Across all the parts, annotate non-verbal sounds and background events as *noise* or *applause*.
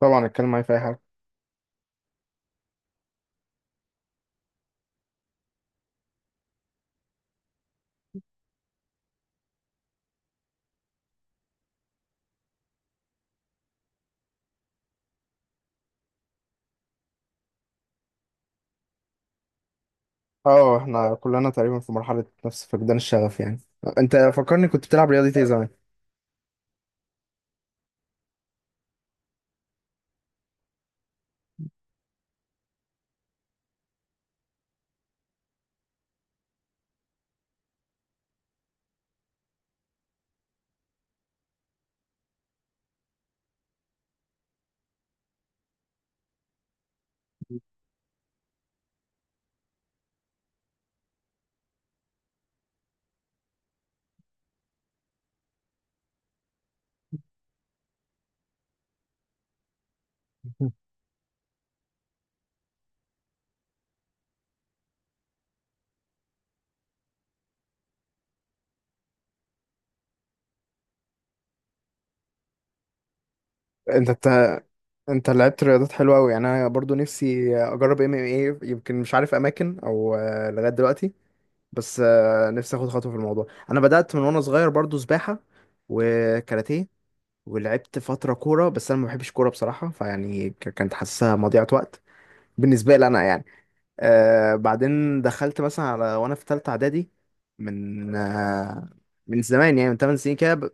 طبعا اتكلم معايا في اي حاجه. اه، احنا كلنا تقريبا في مرحله نفس فقدان الشغف يعني. انت فكرني، كنت بتلعب رياضه ايه زمان؟ *laughs* انت انت انت لعبت رياضات حلوه قوي يعني، انا برضو نفسي اجرب ام ام ايه، يمكن مش عارف اماكن او لغايه دلوقتي. بس نفسي اخد خطوه في الموضوع. انا بدات من وانا صغير برضو سباحه وكاراتيه، ولعبت فتره كوره بس انا ما بحبش كوره بصراحه، فيعني كانت حاسسها مضيعه وقت بالنسبه لي انا يعني. آه، بعدين دخلت مثلا على وانا في تالتة اعدادي، من من زمان يعني من 8 سنين كده. ب-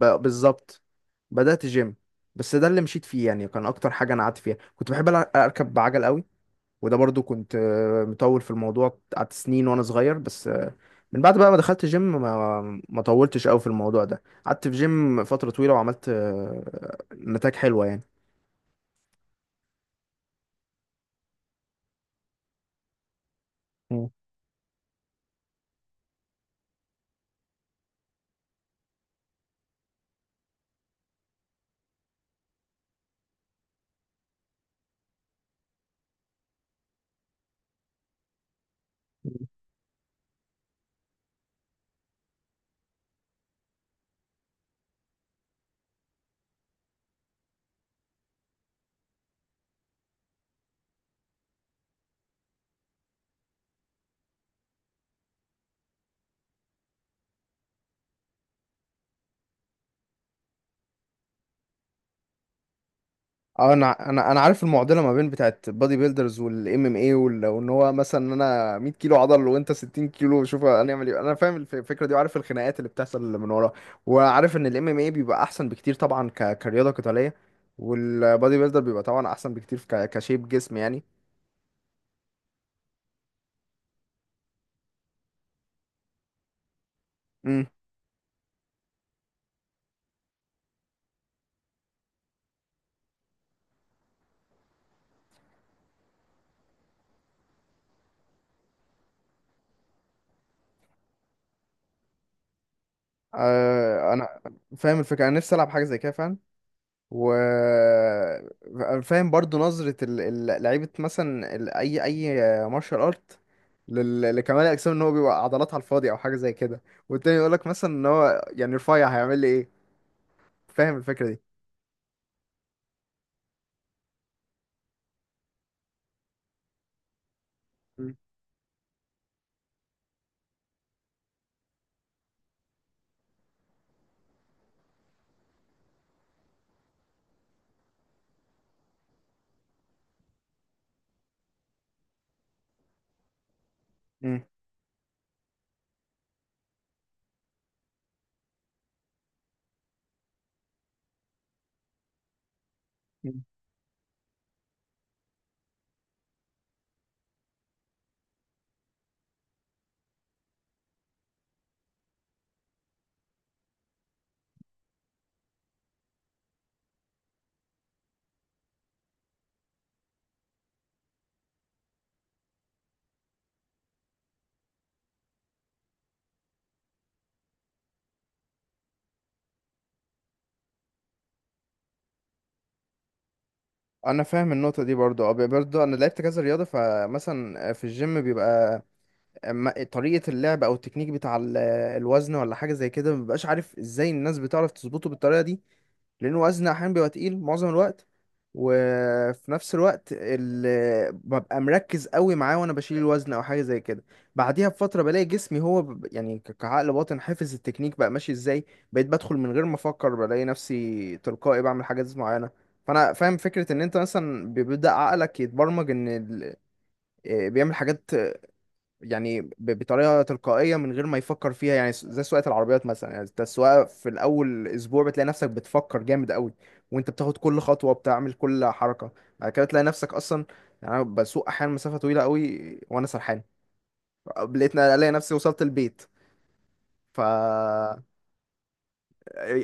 ب- بالظبط، بدأت جيم. بس ده اللي مشيت فيه يعني، كان اكتر حاجة انا قعدت فيها. كنت بحب اركب عجل قوي، وده برضو كنت مطول في الموضوع، قعدت سنين وانا صغير. بس آه، من بعد بقى ما دخلت جيم ما طولتش قوي في الموضوع ده، قعدت في جيم فترة طويلة وعملت نتائج حلوة يعني. مم. اه، انا عارف المعضله ما بين بتاعت بادي بيلدرز والام ام اي، وان هو مثلا ان انا 100 كيلو عضل وانت 60 كيلو، شوف هنعمل ايه. انا فاهم الفكره دي، وعارف الخناقات اللي بتحصل اللي من ورا، وعارف ان الام ام اي بيبقى احسن بكتير طبعا كرياضه قتاليه، والبادي بيلدر بيبقى طبعا احسن بكتير كشيب جسم يعني. امم. آه، انا فاهم الفكره، انا نفسي العب حاجه زي كده فعلا، و فاهم برضو نظرة لعيبة مثلا أي أي مارشال أرت لكمال الأجسام، إن هو بيبقى عضلات على الفاضي أو حاجة زي كده، والتاني يقولك مثلا إن هو يعني رفيع هيعمل لي إيه. فاهم الفكرة دي. مم. مم. مم. أنا فاهم النقطة دي برضو. أه، برضو أنا لعبت كذا رياضة، فمثلا في الجيم بيبقى أما طريقة اللعب أو التكنيك بتاع الوزن ولا حاجة زي كده مبقاش عارف إزاي الناس بتعرف تظبطه بالطريقة دي، لأن وزن أحيانا بيبقى تقيل معظم الوقت، وفي نفس الوقت ببقى مركز قوي معاه وأنا بشيل الوزن أو حاجة زي كده. بعديها بفترة بلاقي جسمي هو يعني كعقل باطن حافظ التكنيك بقى ماشي إزاي. بقيت بدخل من غير ما أفكر، بلاقي نفسي تلقائي بعمل حاجات معينة. فأنا فاهم فكرة إن أنت مثلا بيبدأ عقلك يتبرمج إن بيعمل حاجات يعني بطريقه تلقائيه من غير ما يفكر فيها. يعني زي سواقه العربيات مثلا، يعني انت السواقه في الاول اسبوع بتلاقي نفسك بتفكر جامد قوي، وانت بتاخد كل خطوه، بتعمل كل حركه. بعد كده تلاقي نفسك اصلا، يعني انا بسوق احيانا مسافه طويله قوي وانا سرحان، لقيت الاقي نفسي وصلت البيت. ف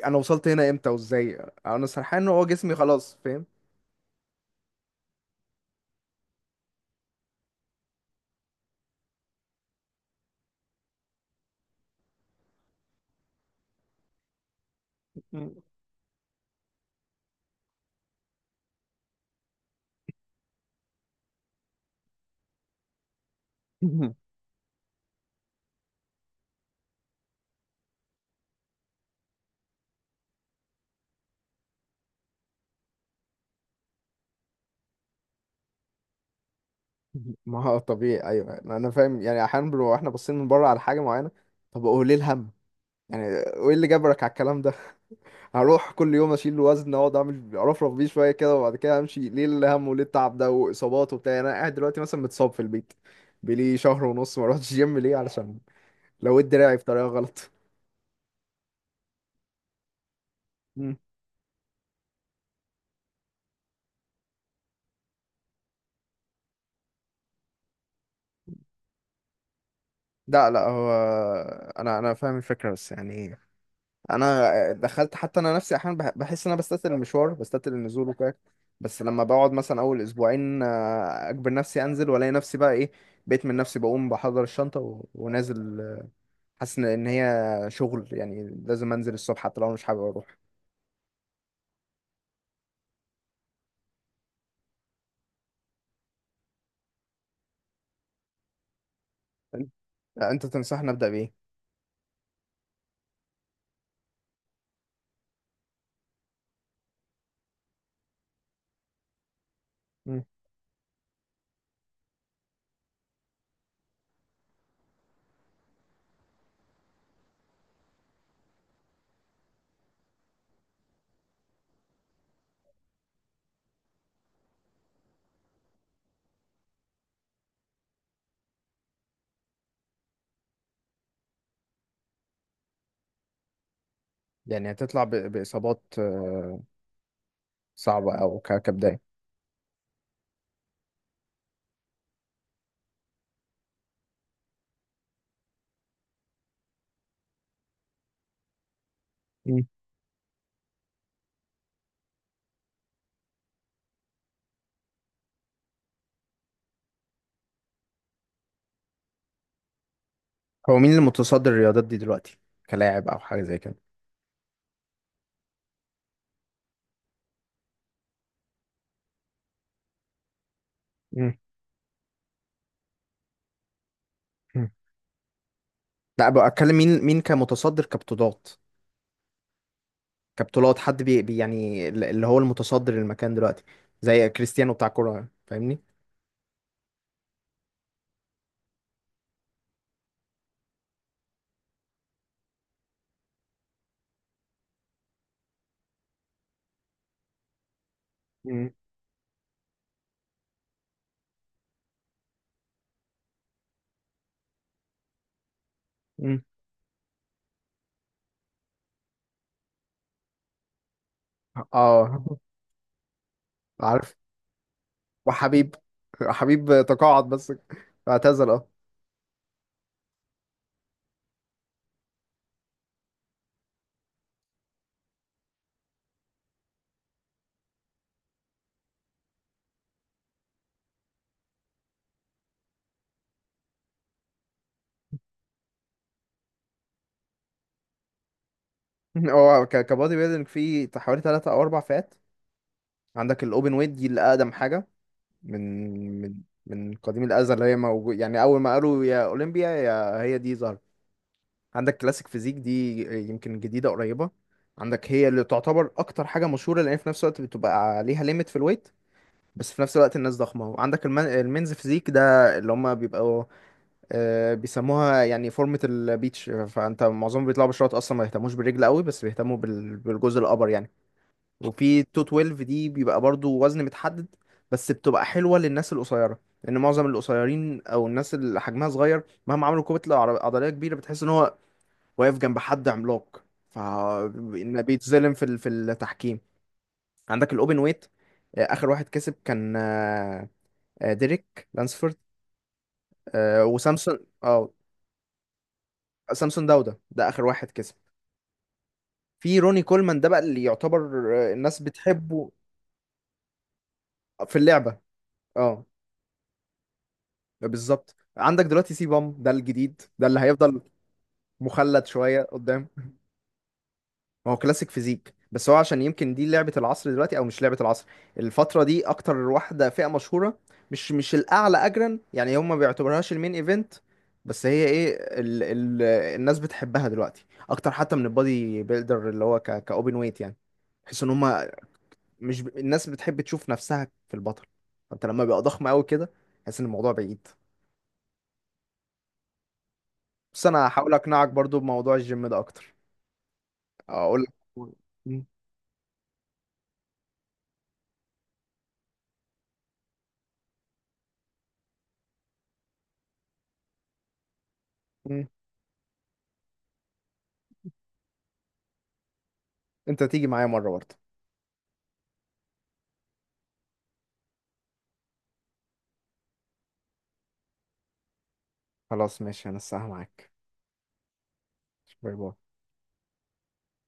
انا وصلت هنا امتى وازاي، انا سرحان وهو جسمي خلاص فاهم. *laughs* ما هو طبيعي، ايوه انا فاهم. يعني احيانا بنبقى احنا باصين من بره على حاجه معينه. طب هو ليه الهم يعني؟ وايه اللي جبرك على الكلام ده؟ هروح كل يوم اشيل وزن، اقعد اعمل ارفرف بيه شويه كده وبعد كده امشي، ليه الهم وليه التعب ده واصابات وبتاع؟ يعني انا قاعد دلوقتي مثلا متصاب في البيت، بقالي شهر ونص ما رحتش جيم. ليه؟ علشان لو دراعي بطريقه غلط. مم. لا لا، هو انا فاهم الفكره بس يعني، انا دخلت حتى انا نفسي احيانا بحس ان انا بستثقل المشوار، بستثقل النزول وكده. بس لما بقعد مثلا اول اسبوعين اجبر نفسي انزل، والاقي نفسي بقى ايه؟ بقيت من نفسي بقوم بحضر الشنطه ونازل. حاسس ان هي شغل يعني، لازم انزل الصبح حتى لو أنا مش حابب اروح. انت أنت تنصحني ابدا بايه؟ مم. يعني هتطلع باصابات صعبه او كبدايه؟ مم. هو مين المتصدر الرياضات دي دلوقتي، كلاعب او حاجه زي كده؟ مم. مم. لا، بتكلم مين كمتصدر كبطولات. كبطولات، حد يعني اللي هو المتصدر المكان دلوقتي، زي كريستيانو بتاع كوره، فاهمني؟ مم. مم. اه عارف. وحبيب. حبيب تقاعد بس، اعتزل. اه. *laughs* هو كبادي بيلدينج في حوالي ثلاثة أو أربع فئات. عندك الأوبن ويت، دي اللي أقدم حاجة، من من من قديم الأزل اللي هي موجود، يعني أول ما قالوا يا أولمبيا يا هي دي ظهرت. عندك كلاسيك فيزيك دي، يمكن جديدة قريبة. عندك هي اللي تعتبر أكتر حاجة مشهورة لأن في نفس الوقت بتبقى عليها ليميت في الويت، بس في نفس الوقت الناس ضخمة. وعندك المينز فيزيك ده، اللي هم بيبقوا بيسموها يعني فورمة البيتش، فأنت معظمهم بيطلعوا بشوط، أصلا ما يهتموش بالرجل قوي، بس بيهتموا بالجزء الأبر يعني. وفي 212، دي بيبقى برضو وزن متحدد، بس بتبقى حلوة للناس القصيرة، لأن معظم القصيرين أو الناس اللي حجمها صغير مهما عملوا كتلة عضلية كبيرة، بتحس إن هو واقف جنب حد عملاق، ف إن بيتظلم في في التحكيم. عندك الأوبن ويت، آه، آخر واحد كسب كان ديريك لانسفورد، آه، وسامسون. اه، سامسون داودا ده آخر واحد كسب. في روني كولمان ده بقى اللي يعتبر، آه، الناس بتحبه في اللعبة. اه، بالظبط. عندك دلوقتي سي بام ده الجديد، ده اللي هيفضل مخلد شويه قدام. ما هو كلاسيك فيزيك، بس هو عشان يمكن دي لعبه العصر دلوقتي، او مش لعبه العصر، الفتره دي اكتر واحده فئه مشهوره. مش مش الاعلى اجرا، يعني هم ما بيعتبرهاش المين ايفنت، بس هي ايه، ال ال الناس بتحبها دلوقتي اكتر حتى من البادي بيلدر اللي هو كاوبن ويت يعني. تحس ان هم مش ب... الناس بتحب تشوف نفسها في البطل، فانت لما بيبقى ضخم قوي كده تحس ان الموضوع بعيد. بس انا هحاول اقنعك برضو بموضوع الجيم ده اكتر، اقول لك. مم. مم. انت تيجي معايا مرة برضه؟ خلاص ماشي، انا الساعة معاك. باي باي.